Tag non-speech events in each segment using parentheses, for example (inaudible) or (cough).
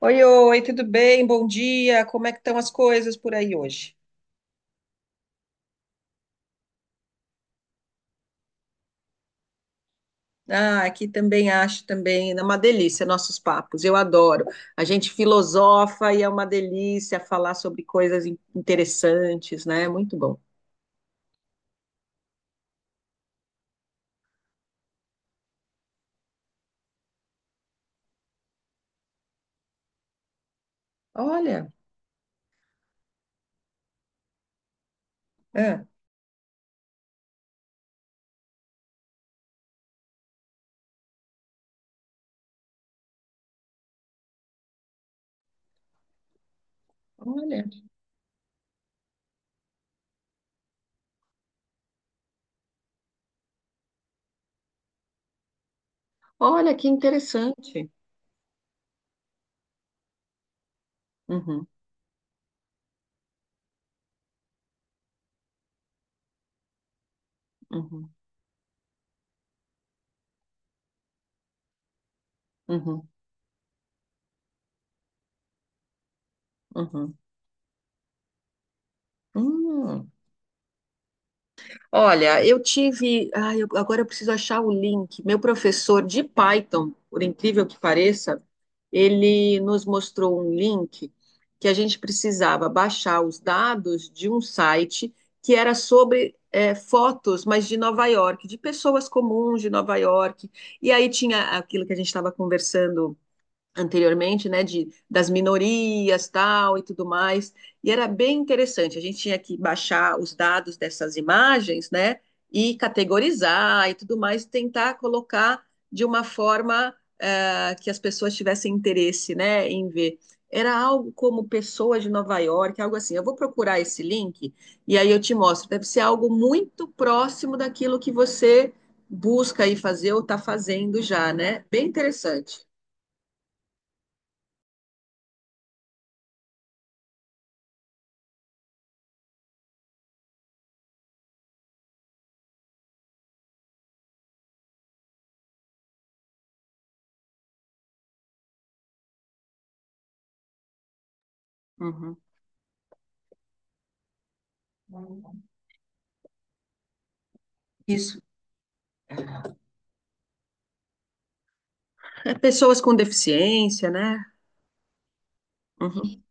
Oi, oi, tudo bem? Bom dia. Como é que estão as coisas por aí hoje? Ah, aqui também acho também é uma delícia nossos papos. Eu adoro. A gente filosofa e é uma delícia falar sobre coisas interessantes, né? Muito bom. Olha, é, olha, olha que interessante. Uhum, uhum, uhum, uhum. Hum. Olha, eu tive. Ai, agora eu preciso achar o link. Meu professor de Python, por incrível que pareça, ele nos mostrou um link que a gente precisava baixar os dados de um site que era sobre fotos, mas de Nova York, de pessoas comuns de Nova York. E aí tinha aquilo que a gente estava conversando anteriormente, né, de, das minorias, tal, e tudo mais, e era bem interessante, a gente tinha que baixar os dados dessas imagens, né, e categorizar e tudo mais, tentar colocar de uma forma que as pessoas tivessem interesse, né, em ver. Era algo como pessoas de Nova York, algo assim. Eu vou procurar esse link e aí eu te mostro. Deve ser algo muito próximo daquilo que você busca aí fazer ou está fazendo já, né? Bem interessante. Uhum. Isso. É pessoas com deficiência, né? Uhum,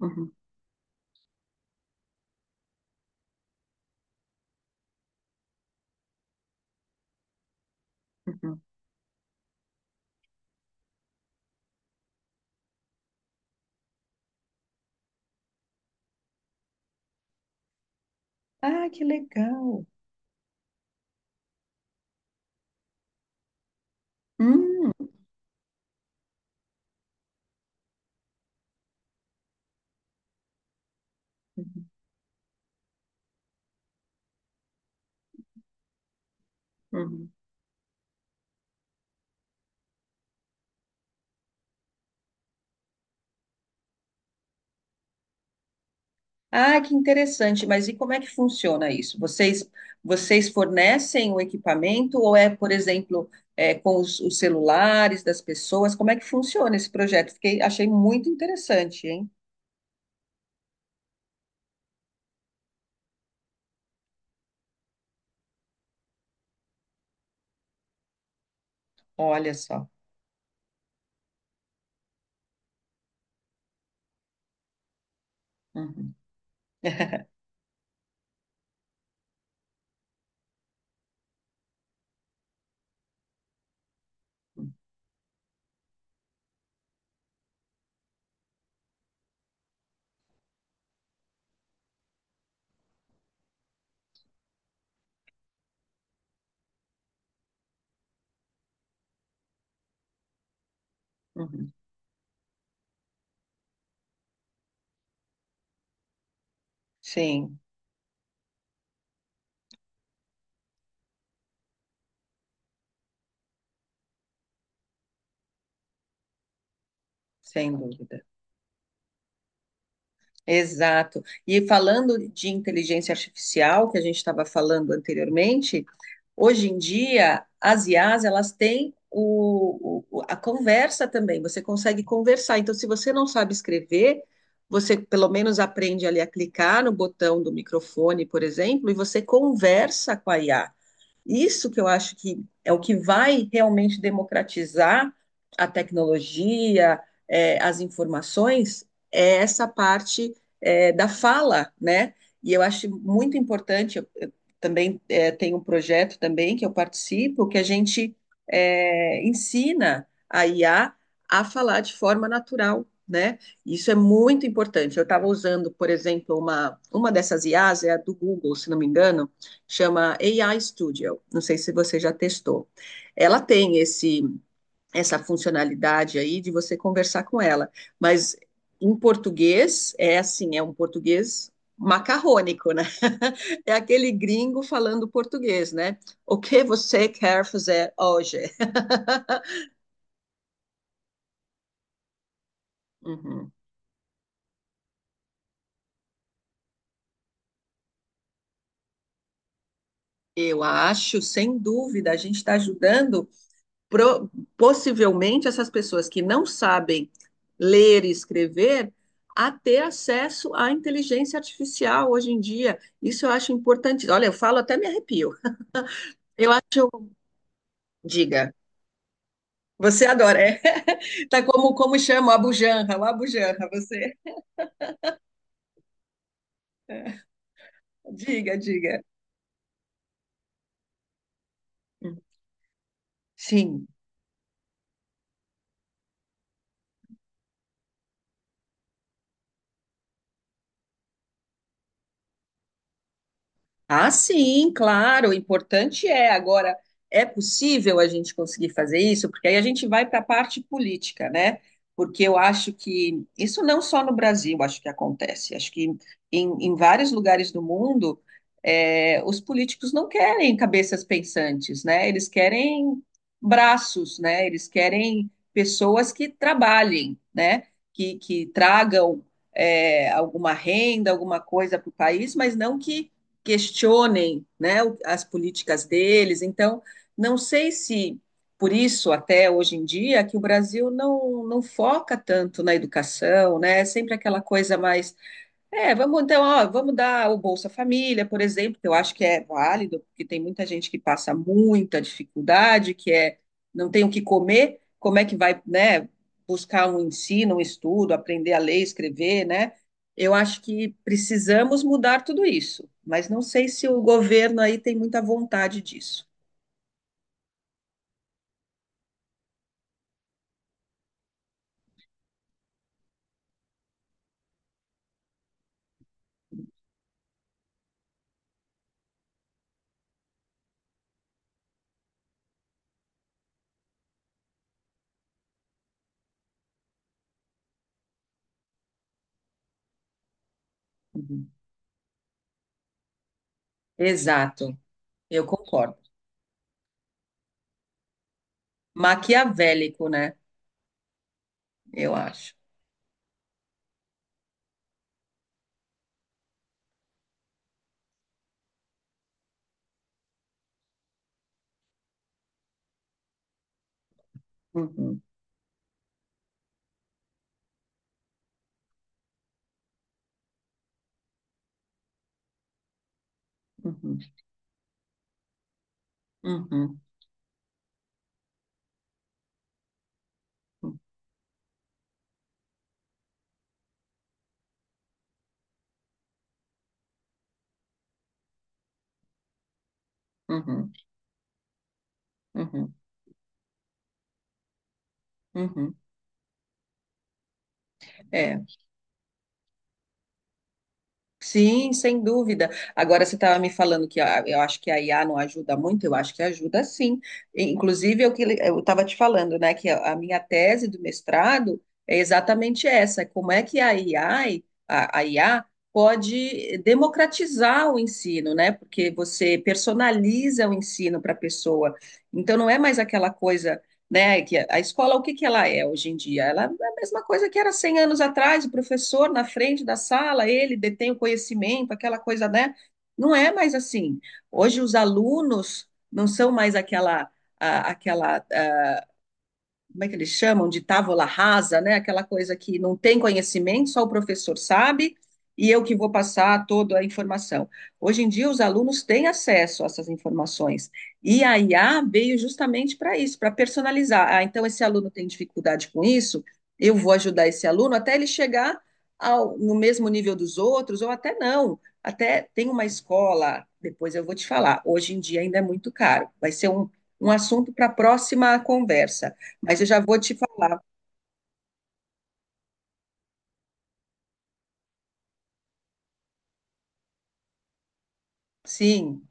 uhum, uhum. Ah, que legal. Hum, uhum, uhum. Ah, que interessante. Mas e como é que funciona isso? Vocês, vocês fornecem o equipamento ou é, por exemplo, é, com os celulares das pessoas? Como é que funciona esse projeto? Fiquei, achei muito interessante, hein? Olha só. Uhum, uhum. Uhum. Sim, sem dúvida. Exato. E falando de inteligência artificial, que a gente estava falando anteriormente, hoje em dia as IAs elas têm a conversa também. Você consegue conversar. Então, se você não sabe escrever, você pelo menos aprende ali a clicar no botão do microfone, por exemplo, e você conversa com a IA. Isso que eu acho que é o que vai realmente democratizar a tecnologia, é, as informações, é essa parte é, da fala, né? E eu acho muito importante, eu também é, tenho um projeto também que eu participo, que a gente é, ensina a IA a falar de forma natural, né? Isso é muito importante. Eu estava usando, por exemplo, uma dessas IAs, é a do Google, se não me engano, chama AI Studio. Não sei se você já testou. Ela tem esse essa funcionalidade aí de você conversar com ela, mas em português é assim, é um português macarrônico, né? (laughs) É aquele gringo falando português, né? O que você quer fazer hoje? (laughs) Uhum. Eu acho, sem dúvida, a gente está ajudando pro- possivelmente essas pessoas que não sabem ler e escrever a ter acesso à inteligência artificial hoje em dia. Isso eu acho importante. Olha, eu falo até me arrepio. (laughs) Diga, você adora, é? (laughs) Tá como chama o Abujanra, você. Diga, diga. Sim. Ah, sim, claro, o importante é agora, é possível a gente conseguir fazer isso, porque aí a gente vai para a parte política, né? Porque eu acho que isso não só no Brasil, acho que acontece, acho que em, em vários lugares do mundo, os políticos não querem cabeças pensantes, né? Eles querem braços, né? Eles querem pessoas que trabalhem, né? Que tragam, alguma renda, alguma coisa para o país, mas não que questionem né, as políticas deles. Então, não sei se por isso até hoje em dia que o Brasil não, não foca tanto na educação, né? É sempre aquela coisa mais é, vamos então, ó, vamos dar o Bolsa Família, por exemplo, que eu acho que é válido, porque tem muita gente que passa muita dificuldade, que é não tem o que comer, como é que vai, né, buscar um ensino, um estudo, aprender a ler, escrever, né? Eu acho que precisamos mudar tudo isso, mas não sei se o governo aí tem muita vontade disso. Uhum. Exato, eu concordo. Maquiavélico, né? Eu acho. Uhum, uhum, uhum, uhum, uhum, uhum. Uhum. É. Sim, sem dúvida. Agora você estava me falando que eu acho que a IA não ajuda muito, eu acho que ajuda sim. E, inclusive, eu estava te falando, né, que a minha tese do mestrado é exatamente essa, como é que a AI, a IA pode democratizar o ensino, né? Porque você personaliza o ensino para a pessoa. Então não é mais aquela coisa, né, que a escola o que que ela é hoje em dia? É a mesma coisa que era 100 anos atrás, o professor na frente da sala, ele detém o conhecimento, aquela coisa, né? Não é mais assim. Hoje os alunos não são mais aquela aquela como é que eles chamam, de távola rasa, né? Aquela coisa que não tem conhecimento, só o professor sabe, e eu que vou passar toda a informação. Hoje em dia, os alunos têm acesso a essas informações, e a IA veio justamente para isso, para personalizar. Ah, então, esse aluno tem dificuldade com isso, eu vou ajudar esse aluno até ele chegar ao, no mesmo nível dos outros, ou até não. Até tem uma escola, depois eu vou te falar, hoje em dia ainda é muito caro, vai ser um, um assunto para a próxima conversa. Mas eu já vou te falar. Sim,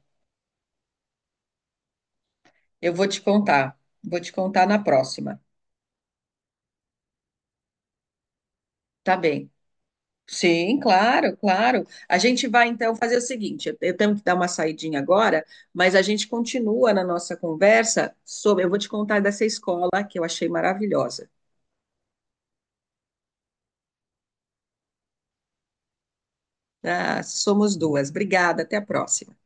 eu vou te contar. Vou te contar na próxima. Tá bem. Sim, claro, claro. A gente vai então fazer o seguinte: eu tenho que dar uma saidinha agora, mas a gente continua na nossa conversa sobre. Eu vou te contar dessa escola que eu achei maravilhosa. Ah, somos duas. Obrigada, até a próxima.